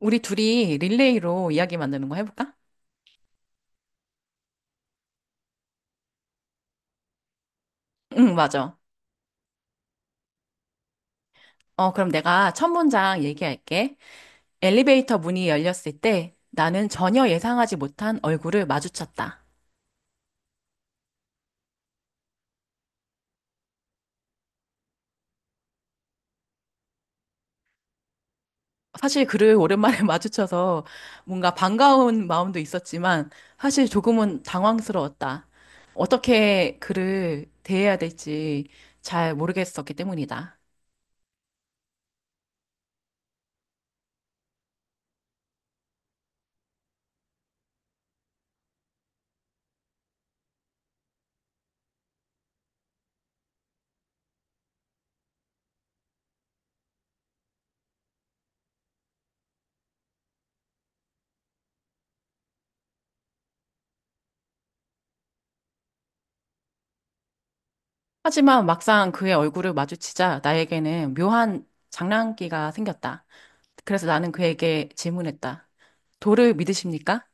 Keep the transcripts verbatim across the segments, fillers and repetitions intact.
우리 둘이 릴레이로 이야기 만드는 거 해볼까? 응, 맞아. 어, 그럼 내가 첫 문장 얘기할게. 엘리베이터 문이 열렸을 때 나는 전혀 예상하지 못한 얼굴을 마주쳤다. 사실 그를 오랜만에 마주쳐서 뭔가 반가운 마음도 있었지만 사실 조금은 당황스러웠다. 어떻게 그를 대해야 될지 잘 모르겠었기 때문이다. 하지만 막상 그의 얼굴을 마주치자 나에게는 묘한 장난기가 생겼다. 그래서 나는 그에게 질문했다. 도를 믿으십니까?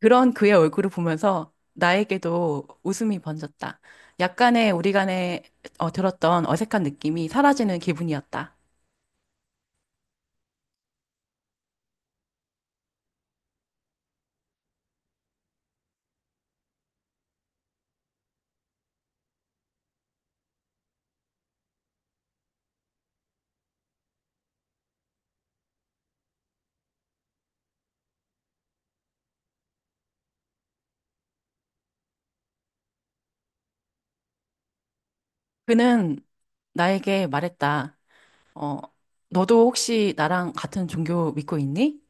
그런 그의 얼굴을 보면서 나에게도 웃음이 번졌다. 약간의 우리 간에 어, 들었던 어색한 느낌이 사라지는 기분이었다. 그는 나에게 말했다. 어, 너도 혹시 나랑 같은 종교 믿고 있니?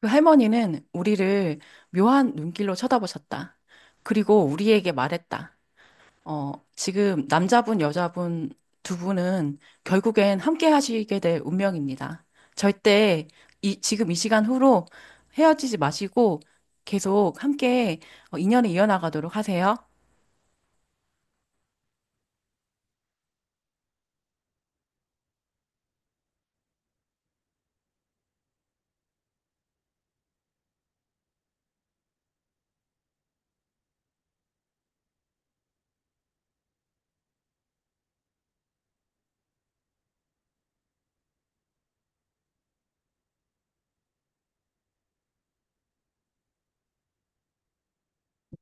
그 할머니는 우리를 묘한 눈길로 쳐다보셨다. 그리고 우리에게 말했다. 어, 지금 남자분, 여자분 두 분은 결국엔 함께 하시게 될 운명입니다. 절대 이, 지금 이 시간 후로 헤어지지 마시고 계속 함께 어, 인연을 이어나가도록 하세요.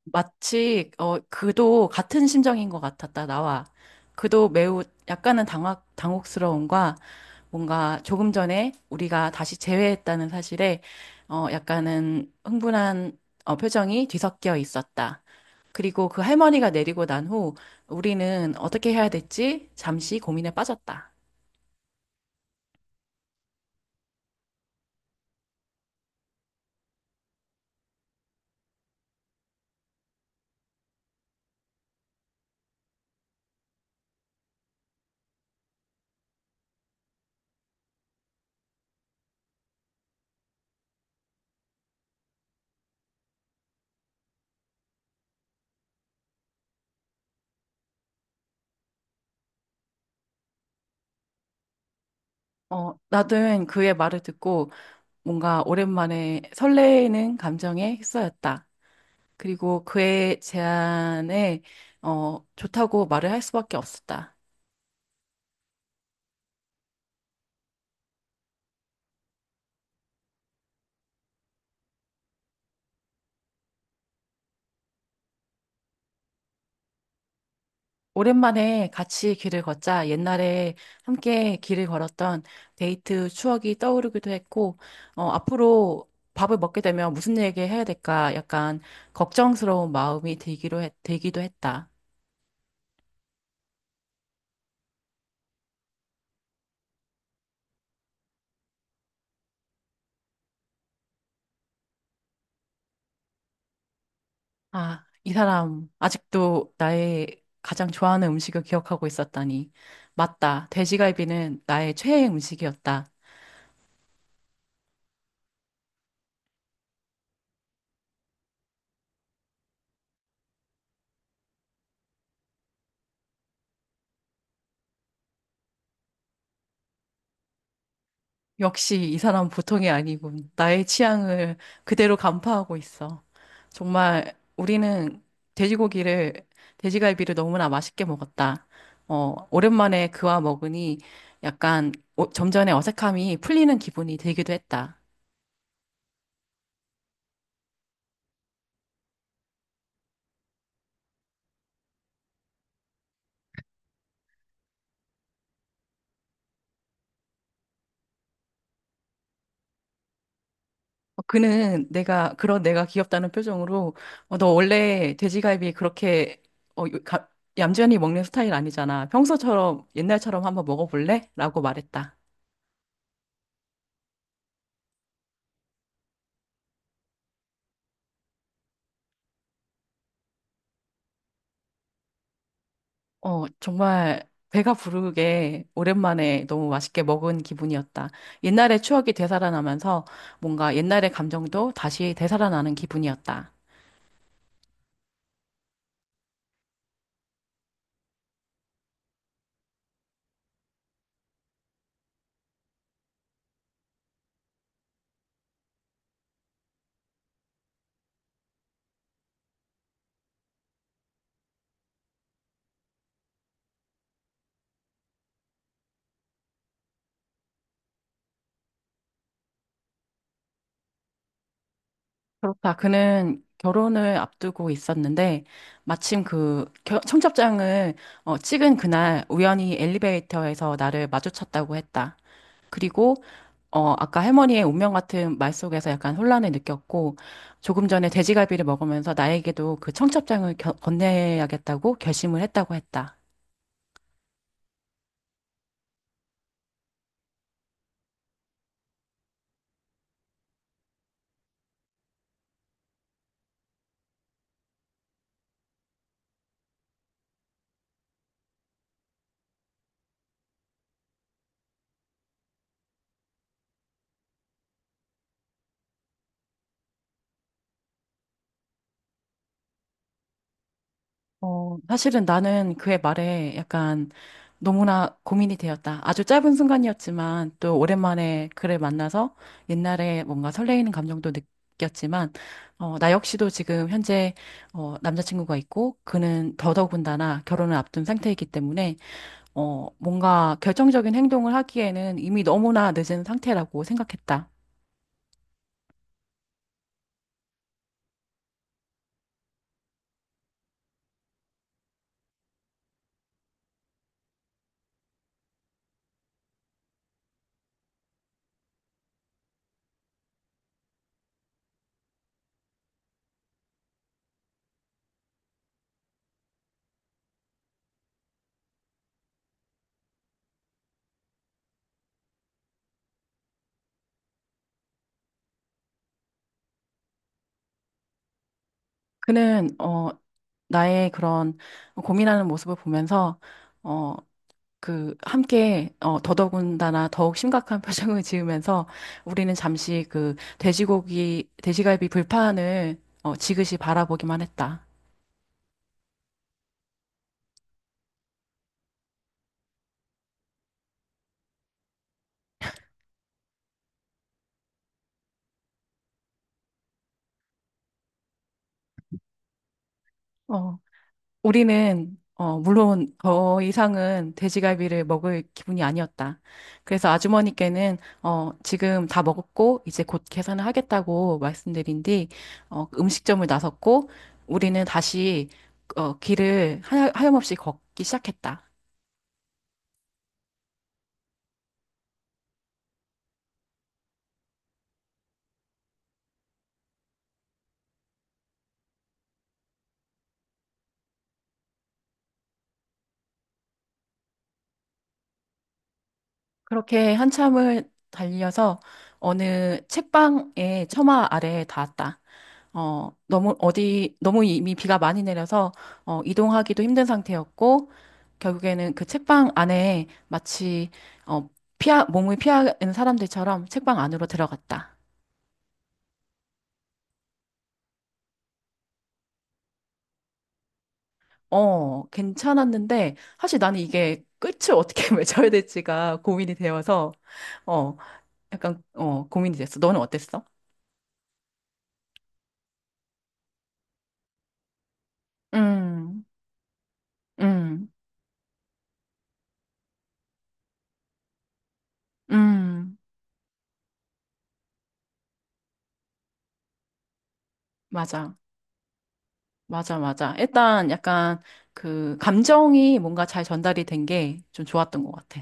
마치 어 그도 같은 심정인 것 같았다 나와 그도 매우 약간은 당황 당혹스러움과 뭔가 조금 전에 우리가 다시 재회했다는 사실에 어 약간은 흥분한 어, 표정이 뒤섞여 있었다. 그리고 그 할머니가 내리고 난 후 우리는 어떻게 해야 될지 잠시 고민에 빠졌다. 어, 나는 그의 말을 듣고 뭔가 오랜만에 설레는 감정에 휩싸였다. 그리고 그의 제안에 어, 좋다고 말을 할 수밖에 없었다. 오랜만에 같이 길을 걷자 옛날에 함께 길을 걸었던 데이트 추억이 떠오르기도 했고, 어, 앞으로 밥을 먹게 되면 무슨 얘기 해야 될까 약간 걱정스러운 마음이 들기로 했, 들기도 했다. 아, 이 사람 아직도 나의 가장 좋아하는 음식을 기억하고 있었다니. 맞다. 돼지갈비는 나의 최애 음식이었다. 역시 이 사람 보통이 아니군. 나의 취향을 그대로 간파하고 있어. 정말 우리는 돼지고기를, 돼지갈비를 너무나 맛있게 먹었다. 어, 오랜만에 그와 먹으니 약간 오- 점잖의 어색함이 풀리는 기분이 들기도 했다. 어, 그는 내가, 그런 내가 귀엽다는 표정으로 어, 너 원래 돼지갈비 그렇게 어, 요- 가- 얌전히 먹는 스타일 아니잖아. 평소처럼 옛날처럼 한번 먹어볼래? 라고 말했다. 어, 정말 배가 부르게 오랜만에 너무 맛있게 먹은 기분이었다. 옛날의 추억이 되살아나면서 뭔가 옛날의 감정도 다시 되살아나는 기분이었다. 그렇다. 그는 결혼을 앞두고 있었는데 마침 그 겨- 청첩장을 어, 찍은 그날 우연히 엘리베이터에서 나를 마주쳤다고 했다. 그리고 어 아까 할머니의 운명 같은 말 속에서 약간 혼란을 느꼈고 조금 전에 돼지갈비를 먹으면서 나에게도 그 청첩장을 겨- 건네야겠다고 결심을 했다고 했다. 어, 사실은 나는 그의 말에 약간 너무나 고민이 되었다. 아주 짧은 순간이었지만 또 오랜만에 그를 만나서 옛날에 뭔가 설레이는 감정도 느꼈지만 어, 나 역시도 지금 현재 어, 남자친구가 있고 그는 더더군다나 결혼을 앞둔 상태이기 때문에 어, 뭔가 결정적인 행동을 하기에는 이미 너무나 늦은 상태라고 생각했다. 그는, 어, 나의 그런 고민하는 모습을 보면서, 어, 그, 함께, 어, 더더군다나 더욱 심각한 표정을 지으면서 우리는 잠시 그 돼지고기, 돼지갈비 불판을, 어, 지그시 바라보기만 했다. 어, 우리는 어, 물론 더 이상은 돼지갈비를 먹을 기분이 아니었다. 그래서 아주머니께는 어, 지금 다 먹었고 이제 곧 계산을 하겠다고 말씀드린 뒤 어, 음식점을 나섰고 우리는 다시 어, 길을 하여, 하염없이 걷기 시작했다. 그렇게 한참을 달려서 어느 책방의 처마 아래에 닿았다. 어, 너무 어디 너무 이미 비가 많이 내려서 어, 이동하기도 힘든 상태였고 결국에는 그 책방 안에 마치 어, 피하 몸을 피하는 사람들처럼 책방 안으로 들어갔다. 어, 괜찮았는데 사실 나는 이게 끝을 어떻게 맺어야 될지가 고민이 되어서 어, 약간 어, 고민이 됐어. 너는 어땠어? 음. 음. 음. 맞아. 맞아, 맞아. 일단 약간 그 감정이 뭔가 잘 전달이 된 게 좀 좋았던 것 같아.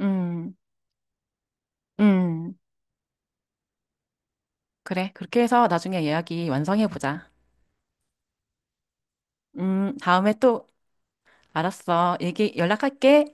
음. 음. 그래. 그렇게 해서 나중에 이야기 완성해보자. 음, 다음에 또, 알았어. 얘기, 연락할게.